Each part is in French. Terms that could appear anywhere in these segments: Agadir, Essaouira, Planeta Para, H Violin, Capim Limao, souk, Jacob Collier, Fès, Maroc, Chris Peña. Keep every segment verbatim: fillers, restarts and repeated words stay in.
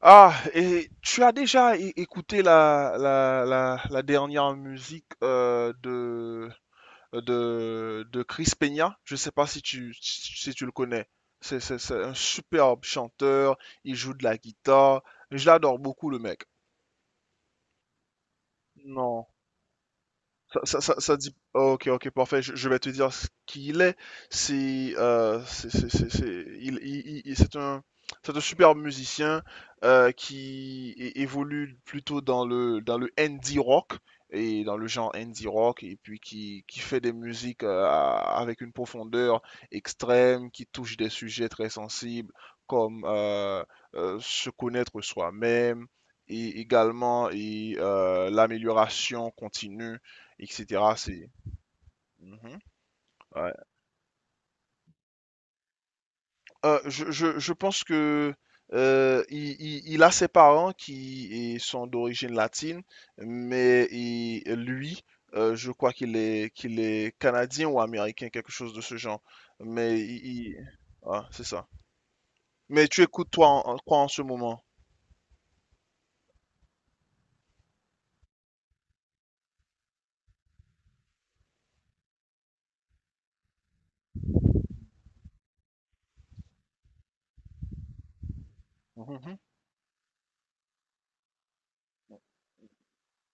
Ah, et tu as déjà é- écouté la, la, la, la dernière musique euh, de, euh, de, de Chris Peña? Je sais pas si tu, si tu le connais. C'est, c'est, c'est un superbe chanteur, il joue de la guitare. Je l'adore beaucoup, le mec. Non. Ça, ça, ça- ça dit. Oh, ok, ok, parfait. Je, je vais te dire ce qu'il est. C'est, euh, c'est, c'est, c'est, c'est- il, il- il- c'est un, c'est un super musicien euh, qui é- évolue plutôt dans le, dans le indie rock et dans le genre indie rock et puis qui, qui fait des musiques euh, à- avec une profondeur extrême, qui touche des sujets très sensibles comme euh, euh, se connaître soi-même et également et, euh, l'amélioration continue et cetera. C'est. Mhm, ouais. Euh, je, je- je pense que euh, il, il- il a ses parents qui sont d'origine latine, mais il- lui, euh, je crois qu'il est, qu'il est canadien ou américain, quelque chose de ce genre. Mais il, il- ah, c'est ça. Mais tu écoutes toi en, en- quoi en ce moment?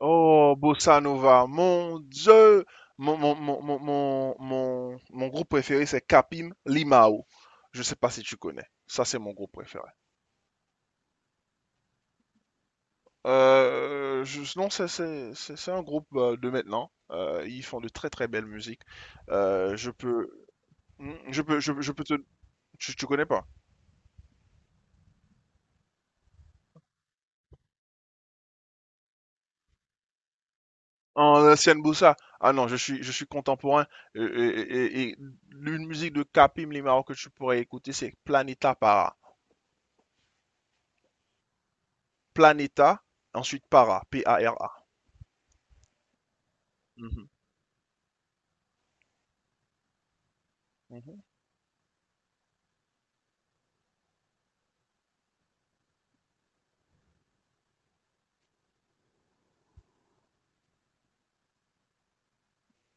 Oh, Bossa Nova, mon Dieu! Mon, mon, mon, mon, mon, mon- mon groupe préféré, c'est Capim Limao. Je sais pas si tu connais. Ça, c'est mon groupe préféré. Euh, je- non, c'est c'est- c'est- c'est un groupe euh, de maintenant. Euh, ils font de très très belles musiques. Euh, je peux, Hmm, je peux, je, je peux te, tu, tu connais pas? En ancienne Bossa. Ah non, je suis, je suis contemporain. Et, et- et- et l'une musique de Capim Limao que tu pourrais écouter, c'est Planeta Para. Planeta, ensuite Para, P A R A. Mhm, mhm.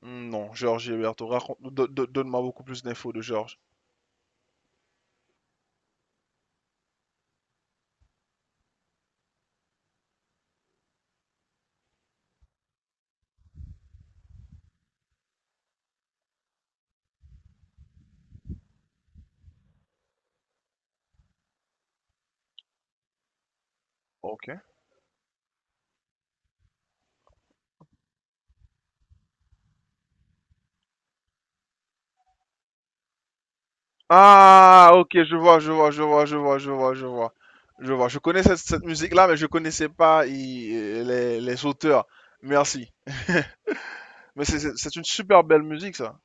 Mm, non, Georges et raconte, do- do- donne-moi beaucoup plus d'infos de Georges. Ok. Ah, ok, je vois, je vois, je vois, je vois, je vois, je vois. Je vois, je connais cette, cette musique-là, mais je connaissais pas i- les, les auteurs. Merci. Mais c'est c'est- c'est une super belle musique, ça.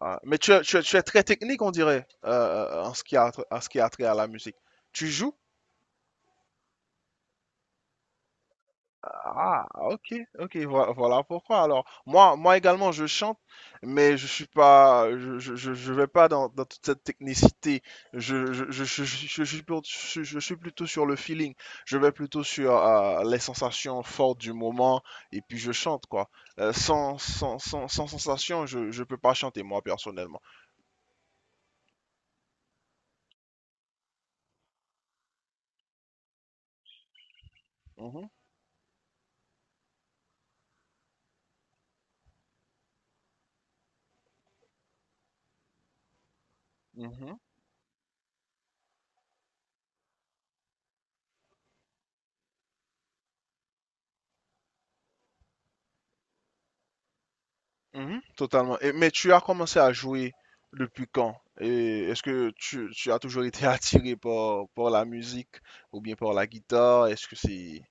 Ah, mais tu es, tu es- tu es très technique, on dirait, euh, euh, en ce qui a, tr- en ce qui a trait à la musique. Tu joues? Ah, ok, ok, voi- voilà pourquoi. Alors, moi, moi également, je chante, mais je suis pas, je, je, je je vais pas dans, dans toute cette technicité. Je, je, je, je, je- je suis plutôt, je, je suis plutôt sur le feeling. Je vais plutôt sur euh, les sensations fortes du moment, et puis je chante, quoi. Euh, sans, sans, sans, sans sensation, je, je peux pas chanter, moi, personnellement. Mhm, mhm. Mhm, totalement. Et- mais tu as commencé à jouer depuis quand? Et est-ce que tu, tu as toujours été attiré par, par la musique ou bien par la guitare? Est-ce que c'est,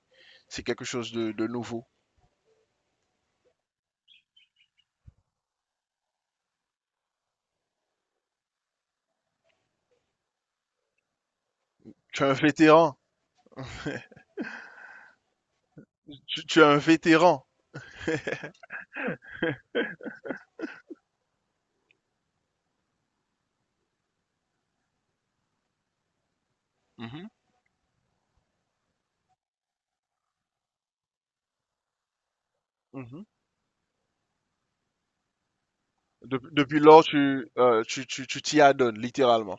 c'est quelque chose de, de nouveau? Tu es un vétéran. Tu, tu es un vétéran. Mhm, mhm. Dep- depuis lors, tu, euh, tu, tu, tu t'y adonnes, littéralement.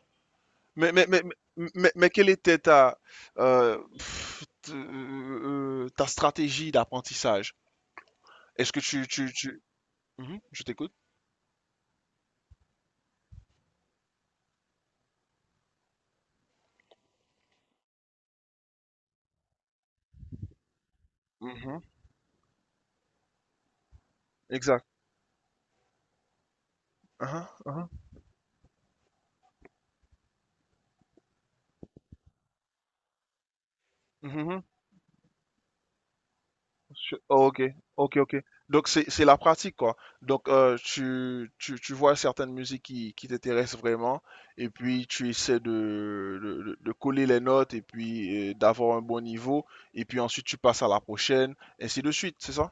Mais, mais, mais, mais, mais- mais quelle était ta, euh, pff, t- euh, ta stratégie d'apprentissage? Est-ce que tu, tu, tu... Mhm, je t'écoute. Mhm, exact. Ah ah, mhm, mhm. Je- oh, ok, ok, ok. Donc c'est c'est la pratique quoi. Donc euh, tu, tu, tu vois certaines musiques qui, qui t'intéressent vraiment et puis tu essaies de, de, de- de coller les notes et puis euh, d'avoir un bon niveau et puis ensuite tu passes à la prochaine, ainsi de suite, c'est ça?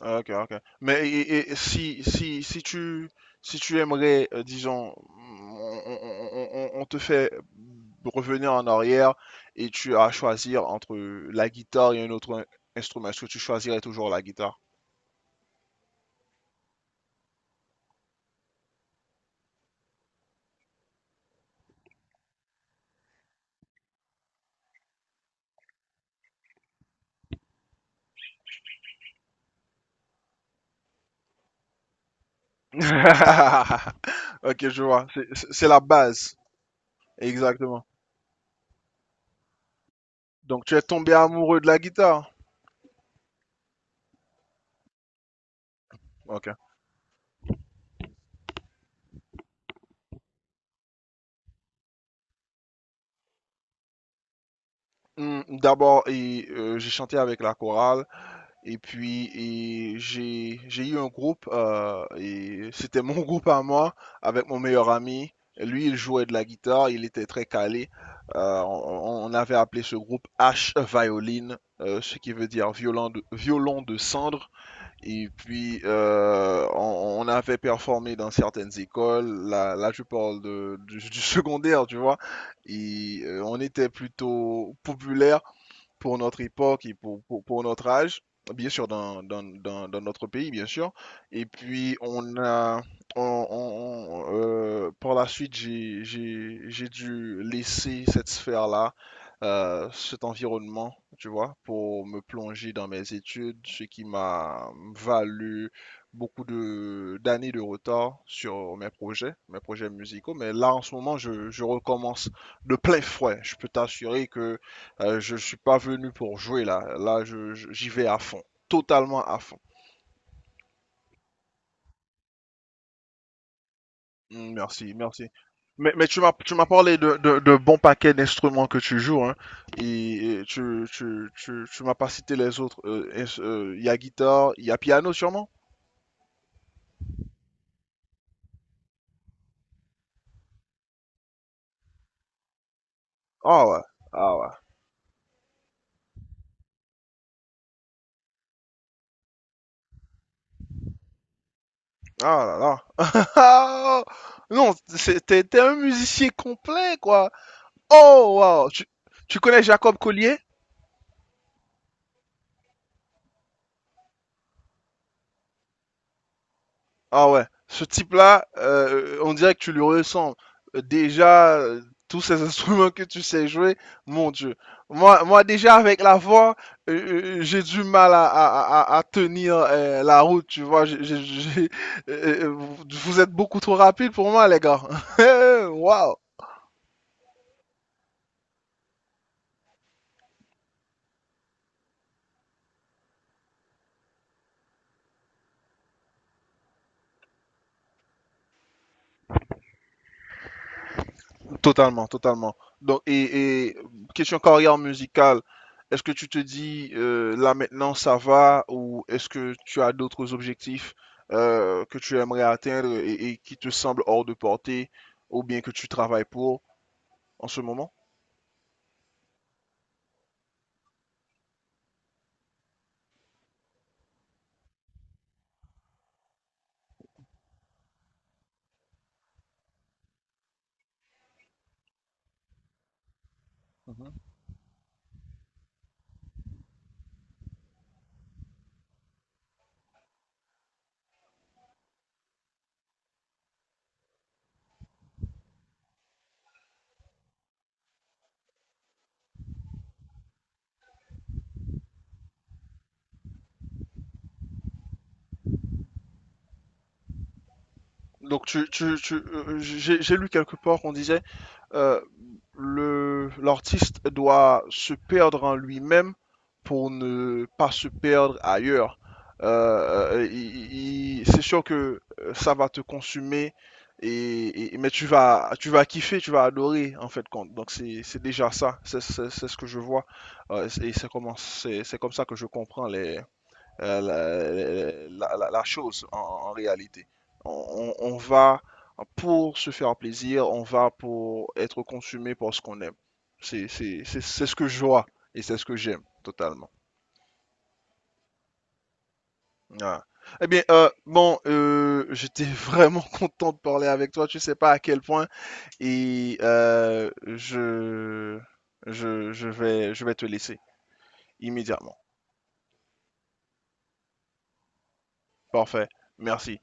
Ah, ok, ok. Mais et- et- et si, si, si tu, si tu aimerais, euh, disons, on, on- on- on- on te fait revenir en arrière et tu as à choisir entre la guitare et un autre in- instrument, est-ce que tu choisirais toujours la guitare? Ok, je vois. C'est c'est- c'est la base. Exactement. Donc tu es tombé amoureux de la guitare. Ok. Hmm, D'abord, et, euh, j'ai chanté avec la chorale. Et puis, et j'ai, j'ai eu un groupe, euh, et c'était mon groupe à moi, avec mon meilleur ami. Lui, il jouait de la guitare, il était très calé. Euh, on, on avait appelé ce groupe H Violin, euh, ce qui veut dire violon de, violon de cendre. Et puis, euh, on, on avait performé dans certaines écoles. Là, là je parle de- du, du secondaire, tu vois. Et euh, on était plutôt populaire pour notre époque et pour, pour, pour notre âge, bien sûr, dans, dans, dans, dans notre pays, bien sûr. Et puis, on a, on, on- on, euh, par la suite, j'ai, j'ai, j'ai dû laisser cette sphère-là, euh, cet environnement, tu vois, pour me plonger dans mes études, ce qui m'a valu beaucoup de, d'années de retard sur mes projets, mes projets musicaux. Mais là, en ce moment, je, je recommence de plein fouet. Je peux t'assurer que euh, je suis pas venu pour jouer là. Là, je- je- j'y vais à fond. Totalement à fond. Mm, merci, merci. Mais, mais tu m'as, tu m'as parlé de, de, de bons paquets d'instruments que tu joues, hein. Et, et tu, tu, tu, tu m'as pas cité les autres. Euh, est euh, Il y a guitare, il y a piano sûrement? Ah ouais. Ah ouais. Ah là là. Ah! Non, c'est- t'es t'es un musicien complet, quoi. Oh, wow. Tu, tu connais Jacob Collier? Ah ouais, ce type-là, euh, on dirait que tu lui ressembles. Euh, Déjà, euh, tous ces instruments que tu sais jouer, mon Dieu. Moi, moi déjà, avec la voix, euh, euh, j'ai du mal à, à- à- à tenir euh, la route, tu vois. J'ai- j'ai- j'ai- euh, euh, vous, vous êtes beaucoup trop rapide pour moi, les gars. Waouh! Totalement, totalement. Donc, et, et question carrière musicale, est-ce que tu te dis euh, là maintenant ça va ou est-ce que tu as d'autres objectifs euh, que tu aimerais atteindre et, et qui te semblent hors de portée ou bien que tu travailles pour en ce moment? Donc tu, tu, tu, euh, j'ai j'ai lu quelque part qu'on disait euh, le l'artiste doit se perdre en lui-même pour ne pas se perdre ailleurs. Euh, euh, il- il- c'est sûr que euh, ça va te consumer et, et- mais tu vas tu vas kiffer, tu vas adorer en fait compte. Donc c'est c'est déjà ça, c'est c'est- c'est ce que je vois. Euh, et c'est comment c'est c'est comme ça que je comprends les euh, la, euh, la- la chose en, en réalité. On, on- va pour se faire plaisir, on va pour être consumé par ce qu'on aime. C'est c'est- c'est- c'est ce que je vois et c'est ce que j'aime totalement. Ah. Eh bien, euh, bon, euh, j'étais vraiment content de parler avec toi. Tu sais pas à quel point et euh, je, je, je vais, je vais te laisser immédiatement. Parfait. Merci.